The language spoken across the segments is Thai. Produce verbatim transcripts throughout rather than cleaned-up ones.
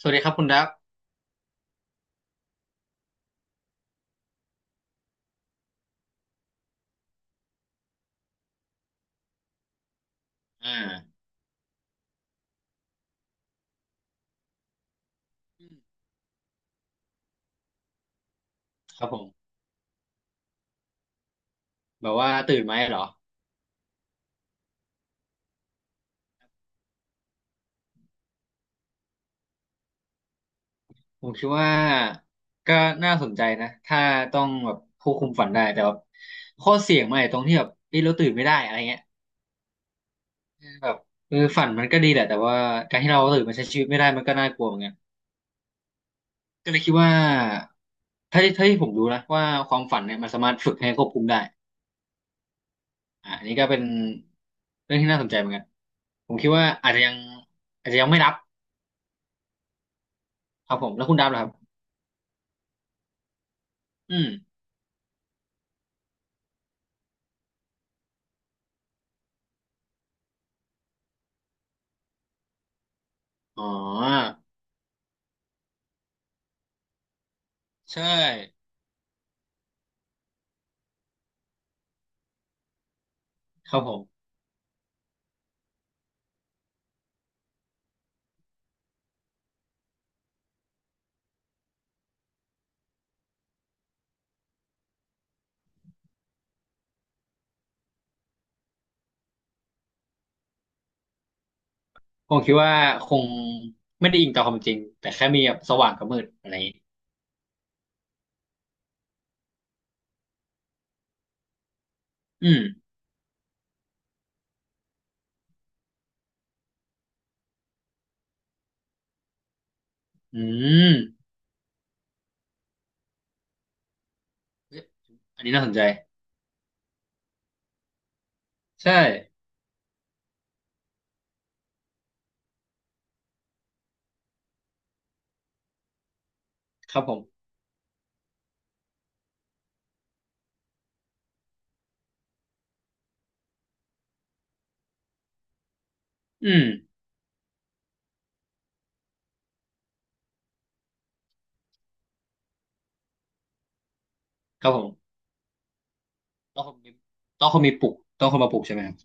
สวัสดีครับคุณดับอ่าอืมครับผมแบบว่าตื่นไหมเหรอผมคิดว่าก็น่าสนใจนะถ้าต้องแบบควบคุมฝันได้แต่แบบข้อเสี่ยงมันไอาตรงที่แบบเอ้ยเราตื่นไม่ได้อะไรเงี้ยแบบเออฝันมันก็ดีแหละแต่ว่าการที่เราตื่นมาใช้ชีวิตไม่ได้มันก็น่ากลัวเหมือนกันก็เลยคิดว่าถ้าที่ถ้าที่ผมรู้นะว่าความฝันเนี่ยมันสามารถฝึกให้ควบคุมได้อ่าอันนี้ก็เป็นเรื่องที่น่าสนใจเหมือนกันผมคิดว่าอาจจะยังอาจจะยังไม่รับครับผมแล้วคุณดับเหรอครับอืมอ๋อ ใช่ครับผมผมคิดว่าคงไม่ได้อิงต่อความจริงแต่แค่มีแบบสว่างกับมืดอะไรอย่างนี้อืมอืมเฮ้ยอันนี้น่าสนใจใช่ครับผมอืมครับผมต้องคงมีต้องคงมีปลุกต้องคงมาปลุกใช่ไหมครับ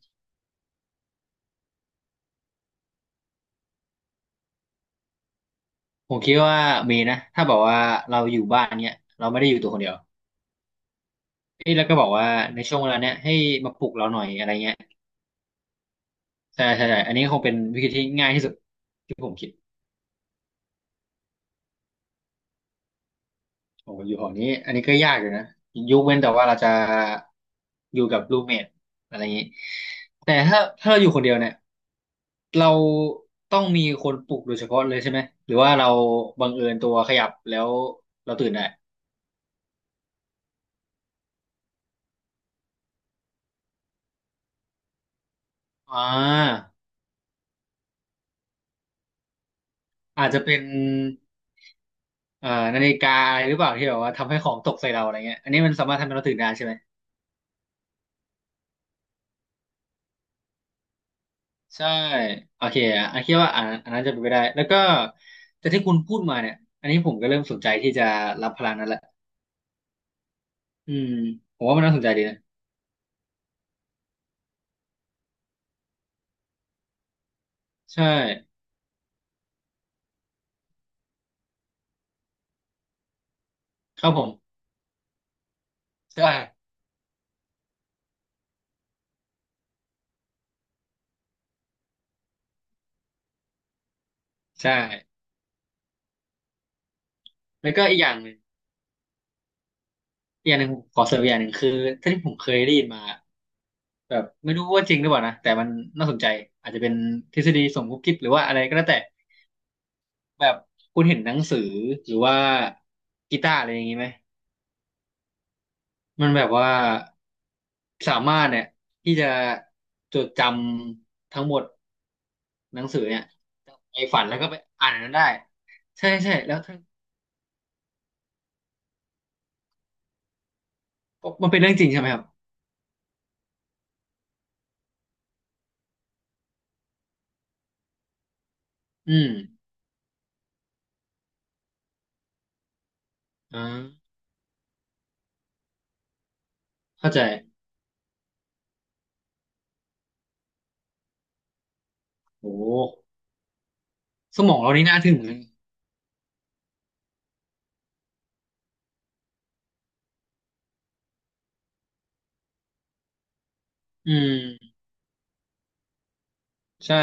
ผมคิดว่ามีนะถ้าบอกว่าเราอยู่บ้านเนี้ยเราไม่ได้อยู่ตัวคนเดียวเอ้ยแล้วก็บอกว่าในช่วงเวลาเนี้ยให้มาปลุกเราหน่อยอะไรเงี้ยใช่ใช่ใช่อันนี้คงเป็นวิธีที่ง่ายที่สุดที่ผมคิด โอ้อยู่หอนี้อันนี้ก็ยากอยู่นะยกเว้นแต่ว่าเราจะอยู่กับรูเมทอะไรอย่างนี้แต่ถ้าถ้าเราอยู่คนเดียวเนี่ยเราต้องมีคนปลุกโดยเฉพาะเลยใช่ไหมหรือว่าเราบังเอิญตัวขยับแล้วเราตื่นได้อ่าอาจจะเป็นเอ่อนาฬิกาอะไรหรือเปล่าที่แบบว่าทำให้ของตกใส่เราอะไรเงี้ยอันนี้มันสามารถทำให้เราตื่นได้ใช่ไหมใช่โอเคอ่ะอันคิดว่าอันอันนั้นจะเป็นไปได้แล้วก็แต่ที่คุณพูดมาเนี่ยอันนี้ผมก็เริ่มสนใจที่จะรับพลังนั้นละ อืมผมว่ามันน่าสนใจดีนะใช่ครับผมใช่ใช่แล้วก็อีกอย่างหนึ่งอีกอย่างหนึ่งผมขอเสริมอีกอย่างหนึ่งคือถ้าที่ผมเคยได้ยินมาแบบไม่รู้ว่าจริงหรือเปล่านะแต่มันน่าสนใจอาจจะเป็นทฤษฎีสมคบคิดหรือว่าอะไรก็แล้วแต่แบบคุณเห็นหนังสือหรือว่ากีตาร์อะไรอย่างนี้ไหมมันแบบว่าสามารถเนี่ยที่จะจดจำทั้งหมดหนังสือเนี่ยไปฝันแล้วก็ไปอ่านอันนั้นได้ใช่ใช่แล้วถ้ามันเป็นเรื่องจริงใช่ไหมครับ อืมอ่าเข้าใจโอ้สมองเรานี่น่าถึงเลยอืมใช่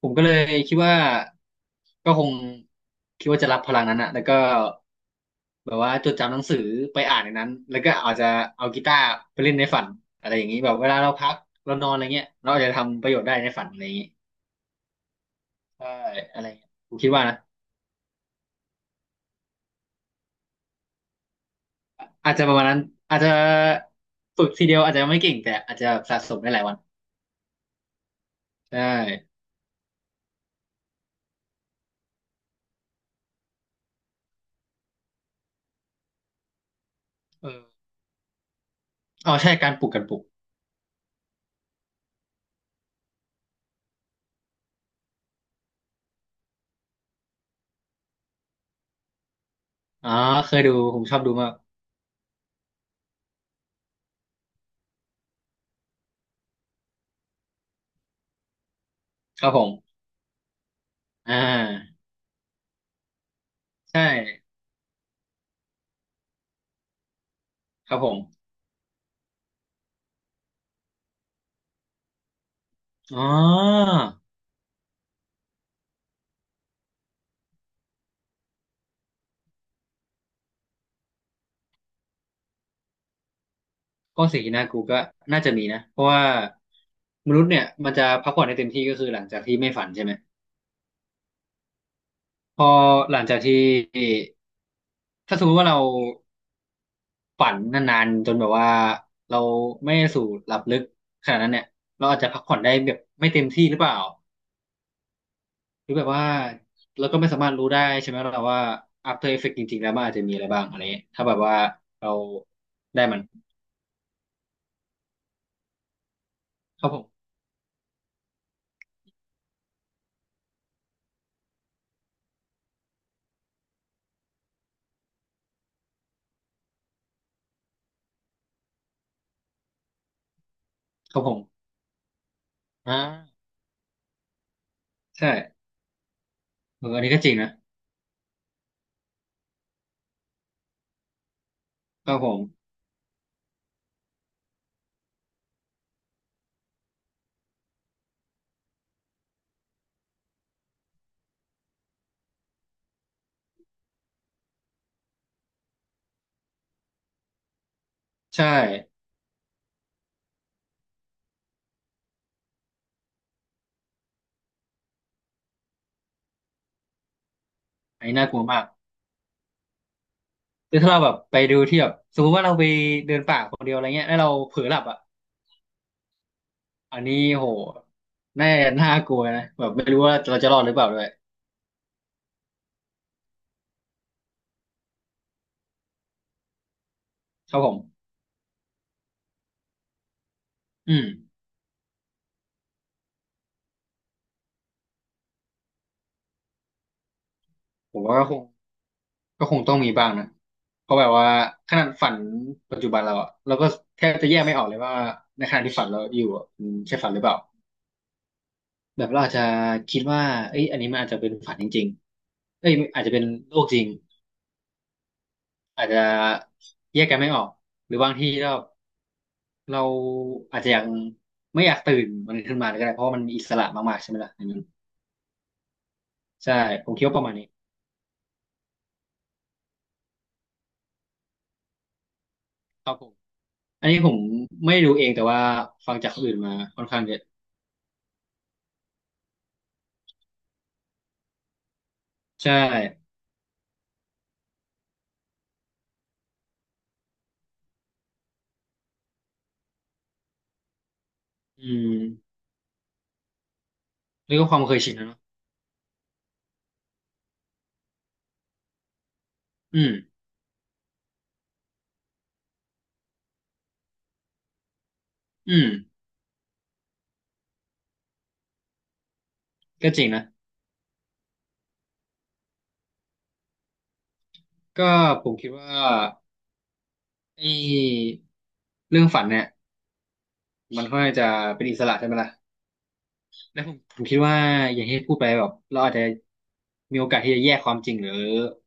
ผมก็เลยคิดว่าก็คงคิดว่าจะรับพลังนั้นอะแล้วก็แบบว่าจดจำหนังสือไปอ่านในนั้นแล้วก็อาจจะเอากีตาร์ไปเล่นในฝันอะไรอย่างนี้แบบเวลาเราพักเรานอนอะไรเงี้ยเราอาจจะทำประโยชน์ได้ในฝันอะไรอย่างนี้ใช่อะไรเงี้ยผมคิดว่านะอาจจะประมาณนั้นอาจจะฝึกทีเดียวอาจจะไม่เก่งแต่อาจจะสะสมได้หลายวันใช่เอออ๋อใช่การปลูกการปลูก อ๋อเคยดูผมชอบดูมากครับผมอ่าใช่ครับผมอ๋อก็สิ่งที่น่ากลัวก็น่าจะมีนะเพราะว่ามนุษย์เนี่ยมันจะพักผ่อนได้เต็มที่ก็คือหลังจากที่ไม่ฝันใช่ไหมพอหลังจากที่ถ้าสมมติว่าเราฝันนานๆจนแบบว่าเราไม่ได้สู่หลับลึกขนาดนั้นเนี่ยเราอาจจะพักผ่อนได้แบบไม่เต็มที่หรือเปล่า หรือแบบว่าเราก็ไม่สามารถรู้ได้ใช่ไหมเราว่า After Effect จริงๆแล้วมันอาจจะมีอะไรบ้างอะไรเงี้ยถ้าแบบว่าเราได้มันครับผมครับผมอ่าใช่เอออันนี้ก็จริงนะครับผมใช่อันนี้น่ากลัวมากคือถ้าเราแบบไปดูที่แบบสมมติว่าเราไปเดินป่าคนเดียวอะไรเงี้ยแล้วเราเผลอหลับอ่ะอันนี้โหน่าน่ากลัวนะแบบไม่รู้ว่าเราจะรอดหรือเปล่าด้วยครับผมอืมผมว่าก็คง ก็คงต้องมีบ้างนะ เพราะแบบว่าขนาดฝันปัจจุบันเราอะเราก็แทบจะแยกไม่ออกเลยว่าในขณะที่ฝันเราอยู่อะมันใช่ฝันหรือเปล่าแบบเราอาจจะคิดว่าเอ้ยอันนี้มันอาจจะเป็นฝันจริงๆเอ้ยอาจจะเป็นโลกจริงอาจจะแยกกันไม่ออกหรือบางทีเราเราอาจจะยังไม่อยากตื่นมันขึ้นมาเลยก็ได้เพราะว่ามันอิสระมากๆใช่ไหมล่ะอันนั้นใช่ผมคิดว่าประมาณนี้ครับผมอันนี้ผมไม่รู้เองแต่ว่าฟังจากคนอื่นมาค่อนข้างเยอะใช่อืม นี่ก็ความเคยชินนะเนอะอืมอืมก็จริงนะ ก็ผมคิดว่าไอ้เรื่องฝันเนี่ยมันค่อนข้างจะเป็นอิสระใช่ไหมล่ะแล้วผมผมคิดว่าอย่างที่พูดไปแบบเราอาจจะมีโอกาสที่จะแยกความจริงหรือ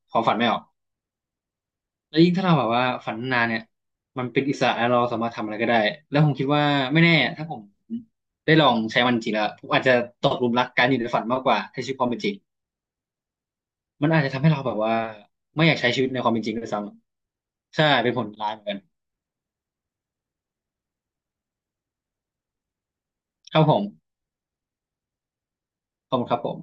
ความฝันไม่ออกแล้วยิ่งถ้าเราแบบว่าฝันนานเนี่ยมันเป็นอิสระแล้วเราสามารถทำอะไรก็ได้แล้วผมคิดว่าไม่แน่ถ้าผมได้ลองใช้มันจริงแล้วผมอาจจะตกหลุมรักการอยู่ในฝันมากกว่าใช้ชีวิตความเป็นจริง มันอาจจะทำให้เราแบบว่าไม่อยากใช้ชีวิตในความเป็นจริงด้วยซ้ำใช่เป็นผลร้ายเหมือนกันครับผมขอบคุณครับผม